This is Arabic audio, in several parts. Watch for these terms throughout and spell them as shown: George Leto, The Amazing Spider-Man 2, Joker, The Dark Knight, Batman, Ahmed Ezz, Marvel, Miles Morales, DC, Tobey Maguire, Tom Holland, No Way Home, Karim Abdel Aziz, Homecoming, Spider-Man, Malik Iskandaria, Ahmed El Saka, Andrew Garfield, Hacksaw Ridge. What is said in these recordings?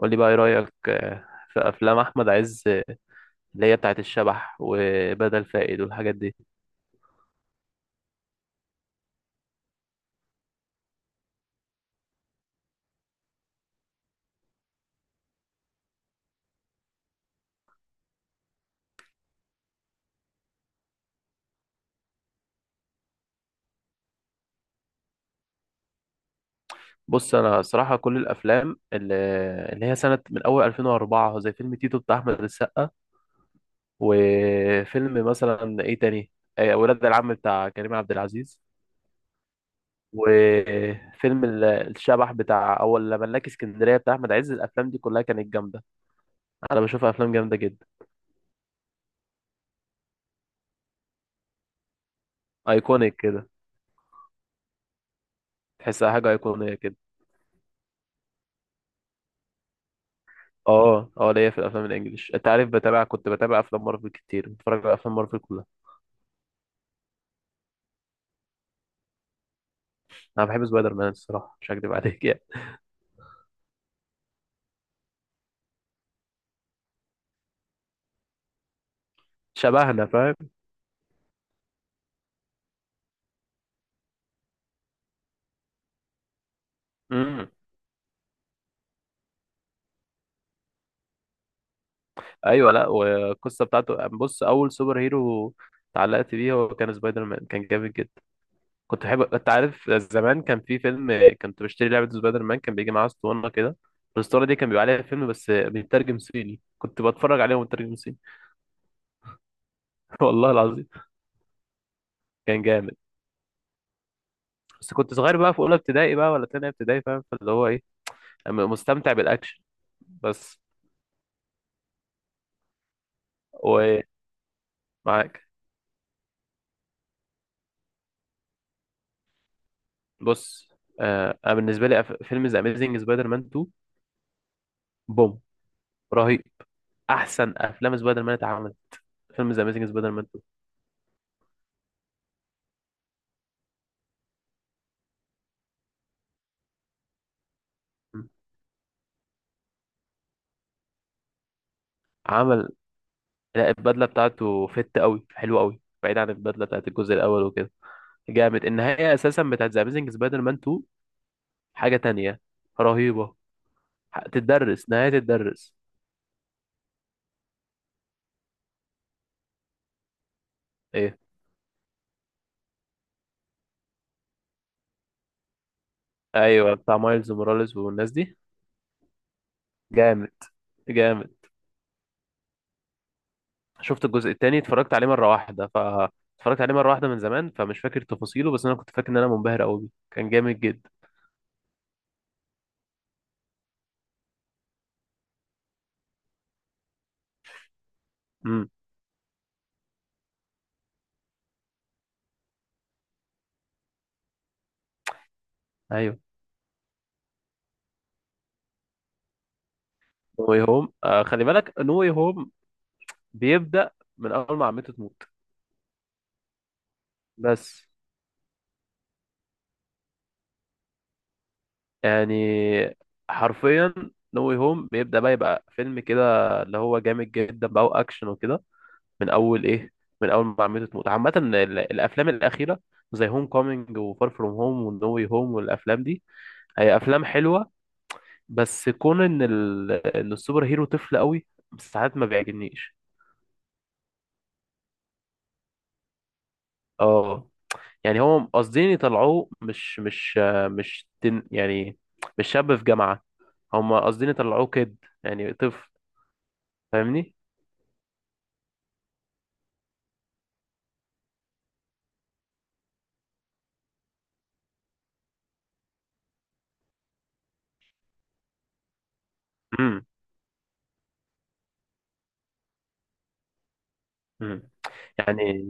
قول لي بقى ايه رأيك، في افلام احمد عز، اللي هي بتاعت الشبح وبدل فائد والحاجات دي. بص، انا صراحة كل الافلام اللي هي سنة من اول 2004، زي فيلم تيتو بتاع احمد السقا، وفيلم مثلا ايه تاني، ولاد العم بتاع كريم عبد العزيز، وفيلم الشبح بتاع اول ملاك اسكندرية بتاع احمد عز. الافلام دي كلها كانت جامدة. انا بشوفها افلام جامدة جدا. ايكونيك كده. تحسها حاجة ايقونية كده. اه، اه، ليا في الافلام الانجليش. انت عارف، كنت بتابع افلام مارفل كتير، بتفرج على افلام مارفل كلها. انا بحب سبايدر مان الصراحه، مش هكدب عليك يعني. شبهنا، فاهم. امم. ايوه، لا، والقصه بتاعته، بص، اول سوبر هيرو اتعلقت بيه هو كان سبايدر مان، كان جامد جدا. كنت بحب، انت عارف، زمان كان في فيلم، كنت بشتري لعبه سبايدر مان، كان بيجي معاه اسطوانه كده. الاسطوانه دي كان بيبقى عليها فيلم، بس بيترجم صيني، كنت بتفرج عليه ومترجم صيني. والله العظيم. كان جامد. بس كنت صغير بقى، في اولى ابتدائي بقى ولا تانية ابتدائي، فاهم، فاللي هو ايه، مستمتع بالاكشن بس. ومعاك. بص، انا بالنسبه لي، فيلم ذا اميزنج سبايدر مان 2. بوم. رهيب. احسن افلام سبايدر مان اتعملت. فيلم ذا اميزنج سبايدر مان 2. م. عمل. لا، البدله بتاعته فت قوي، حلوه قوي، بعيد عن البدله بتاعت الجزء الاول وكده. جامد. النهايه اساسا بتاعت ذا اميزنج سبايدر مان 2، حاجه تانية، رهيبه. تتدرس، نهايه تتدرس. ايه. ايوه، بتاع مايلز موراليس والناس دي. جامد، جامد. شفت الجزء التاني، اتفرجت عليه مرة واحدة، ف اتفرجت عليه مرة واحدة من زمان، فمش فاكر تفاصيله، بس انا كنت فاكر ان انا منبهر قوي بيه، كان جامد جدا. امم. ايوه، نو واي هوم، خلي بالك، نو واي هوم بيبدأ من اول ما عمته تموت. بس يعني، حرفيا، نو واي هوم بيبدأ بقى يبقى فيلم كده اللي هو جامد جدا بقى، واكشن وكده، من اول ايه، من اول ما عمته تموت. عامة الافلام الاخيرة، زي هوم كومينج وفار فروم هوم ونو واي هوم والافلام دي، هي افلام حلوة، بس كون ان ان السوبر هيرو طفل قوي، ساعات ما بيعجبنيش. اه، يعني هو قاصدين يطلعوه مش مش آه، مش تن... يعني مش شاب في جامعة. هم قاصدين يطلعوه كده، يعني طفل، فاهمني. امم. امم. يعني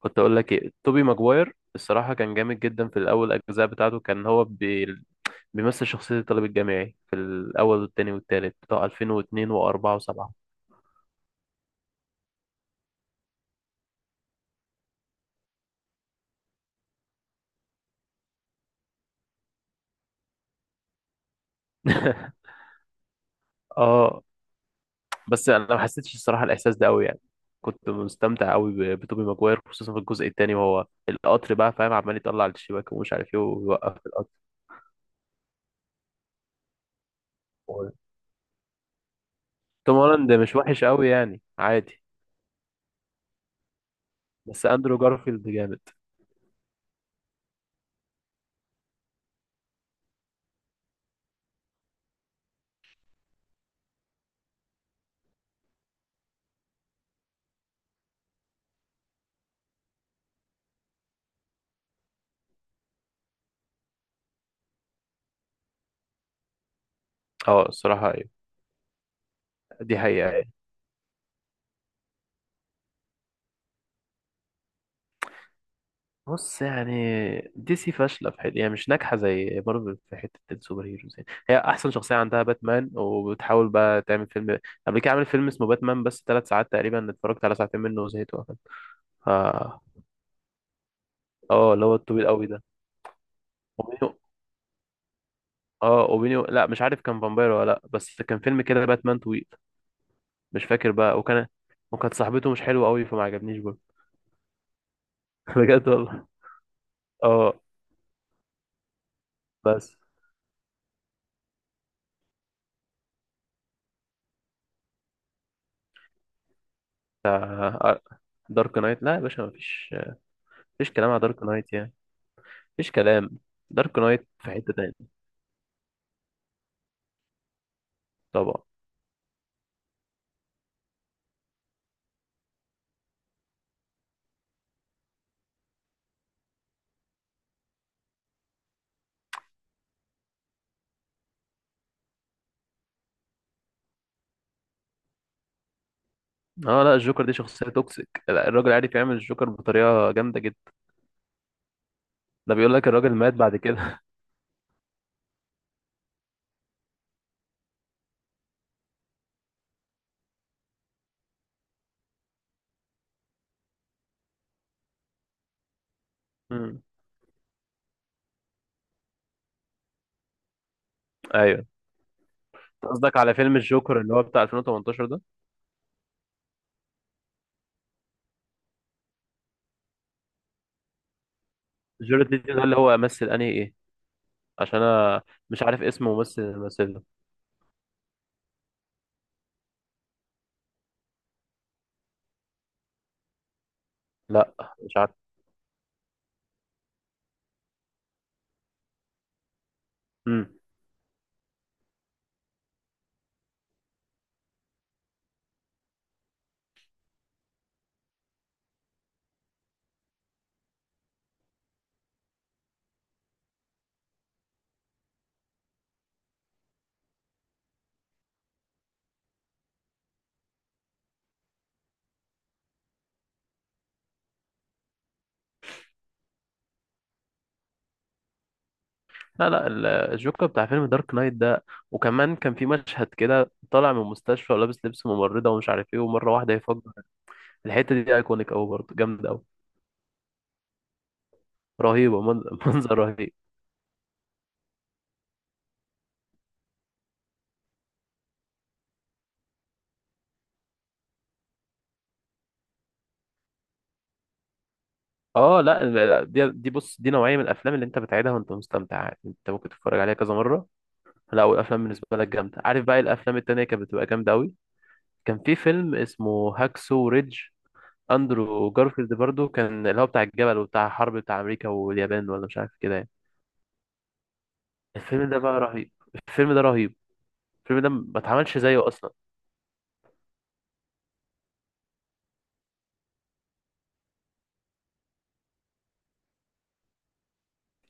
كنت اقول لك ايه، توبي ماجواير الصراحة كان جامد جدا في الاول، الاجزاء بتاعته كان هو بيمثل شخصية الطالب الجامعي في الاول والتاني والتالت، بتاع 2002 و4 و7. اه. بس انا ما حسيتش الصراحه الاحساس ده قوي يعني. كنت مستمتع قوي بتوبي ماجواير، خصوصا في الجزء الثاني، وهو القطر بقى، فاهم، عمال يطلع على الشباك ومش عارف ايه ويوقف القطر. توم هولاند مش وحش قوي يعني، عادي. بس اندرو جارفيلد جامد. اه الصراحه ايوه، دي حقيقه يعني. بص يعني، دي سي فاشله في حته يعني، مش ناجحه زي مارفل في حته السوبر هيروز يعني. هي احسن شخصيه عندها باتمان، وبتحاول بقى تعمل فيلم. قبل كده عملت فيلم اسمه باتمان، بس 3 ساعات تقريبا، اتفرجت على ساعتين منه وزهقت وقفلت. ف اه، اللي هو الطويل قوي ده، اوبينيو. اه، اوبينيو، لا مش عارف كان فامباير ولا لا، بس كان فيلم كده باتمان طويل، مش فاكر بقى. وكان، وكانت صاحبته مش حلوه قوي، فما عجبنيش برضه. بجد والله. اه. بس بتاع دارك نايت، لا يا باشا، مفيش، مفيش كلام على دارك نايت يعني، مفيش كلام. دارك نايت في حتة تاني. طبعا. اه، لا، الجوكر دي شخصية توكسيك، لا الراجل عارف يعمل الجوكر بطريقة جامدة جدا. ده بيقول لك الراجل مات بعد كده. مم. ايوه. قصدك على فيلم الجوكر اللي هو بتاع 2018 ده؟ جورج ليتو ده اللي هو مثل انهي ايه؟ عشان انا مش عارف اسم ممثل اللي مثله. لا، مش عارف. امم. لا، لا، الجوكر بتاع فيلم دارك نايت ده. وكمان كان في مشهد كده طالع من المستشفى ولابس لبس ممرضة ومش عارف ايه، ومرة واحدة يفجر. الحتة دي ايكونيك قوي برضه، جامدة قوي. رهيبة. منظر رهيب. اه، لا، لا، دي دي بص، دي نوعية من الافلام اللي انت بتعيدها وانت مستمتع عادي. انت ممكن تتفرج عليها كذا مرة. لا، والافلام بالنسبة لك جامدة، عارف بقى إيه الافلام التانية كانت بتبقى جامدة قوي؟ كان في فيلم اسمه هاكسو ريدج. اندرو جارفيلد برضو كان، اللي هو بتاع الجبل وبتاع الحرب بتاع امريكا واليابان، ولا مش عارف كده يعني. الفيلم ده بقى رهيب. الفيلم ده رهيب. الفيلم ده ما اتعملش زيه اصلا.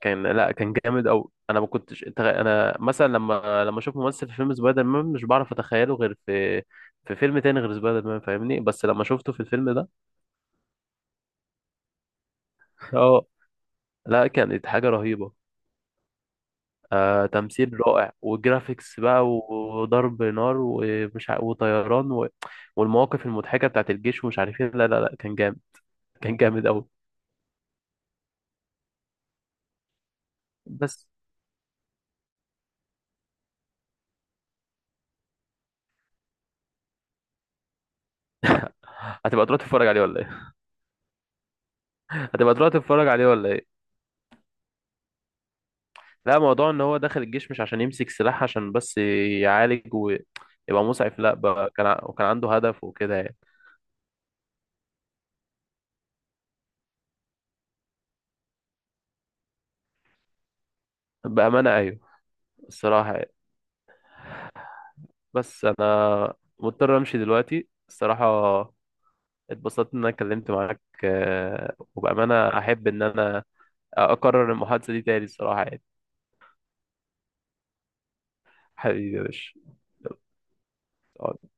كان، لا كان جامد قوي. انا ما كنتش انا مثلا، لما اشوف ممثل في فيلم سبايدر مان، مش بعرف اتخيله غير في فيلم تاني غير سبايدر مان، فاهمني، بس لما شفته في الفيلم ده. اه. لا، كانت حاجة رهيبة. تمثيل رائع، وجرافيكس بقى، وضرب نار، ومش وطيران والمواقف المضحكة بتاعت الجيش، ومش عارف ايه، لا، لا، لا، كان جامد. كان جامد قوي. بس هتبقى تروح تتفرج عليه ولا ايه؟ هتبقى تروح تتفرج عليه ولا ايه؟ لا، موضوع ان هو داخل الجيش مش عشان يمسك سلاح، عشان بس يعالج ويبقى مسعف، لا بقى كان وكان عنده هدف وكده يعني. بأمانة ايوه، الصراحة يعني. بس انا مضطر امشي دلوقتي الصراحة. اتبسطت ان انا اتكلمت معاك، وبامانه احب ان انا اكرر المحادثه دي تاني الصراحه يعني. حبيبي يا باشا. يلا.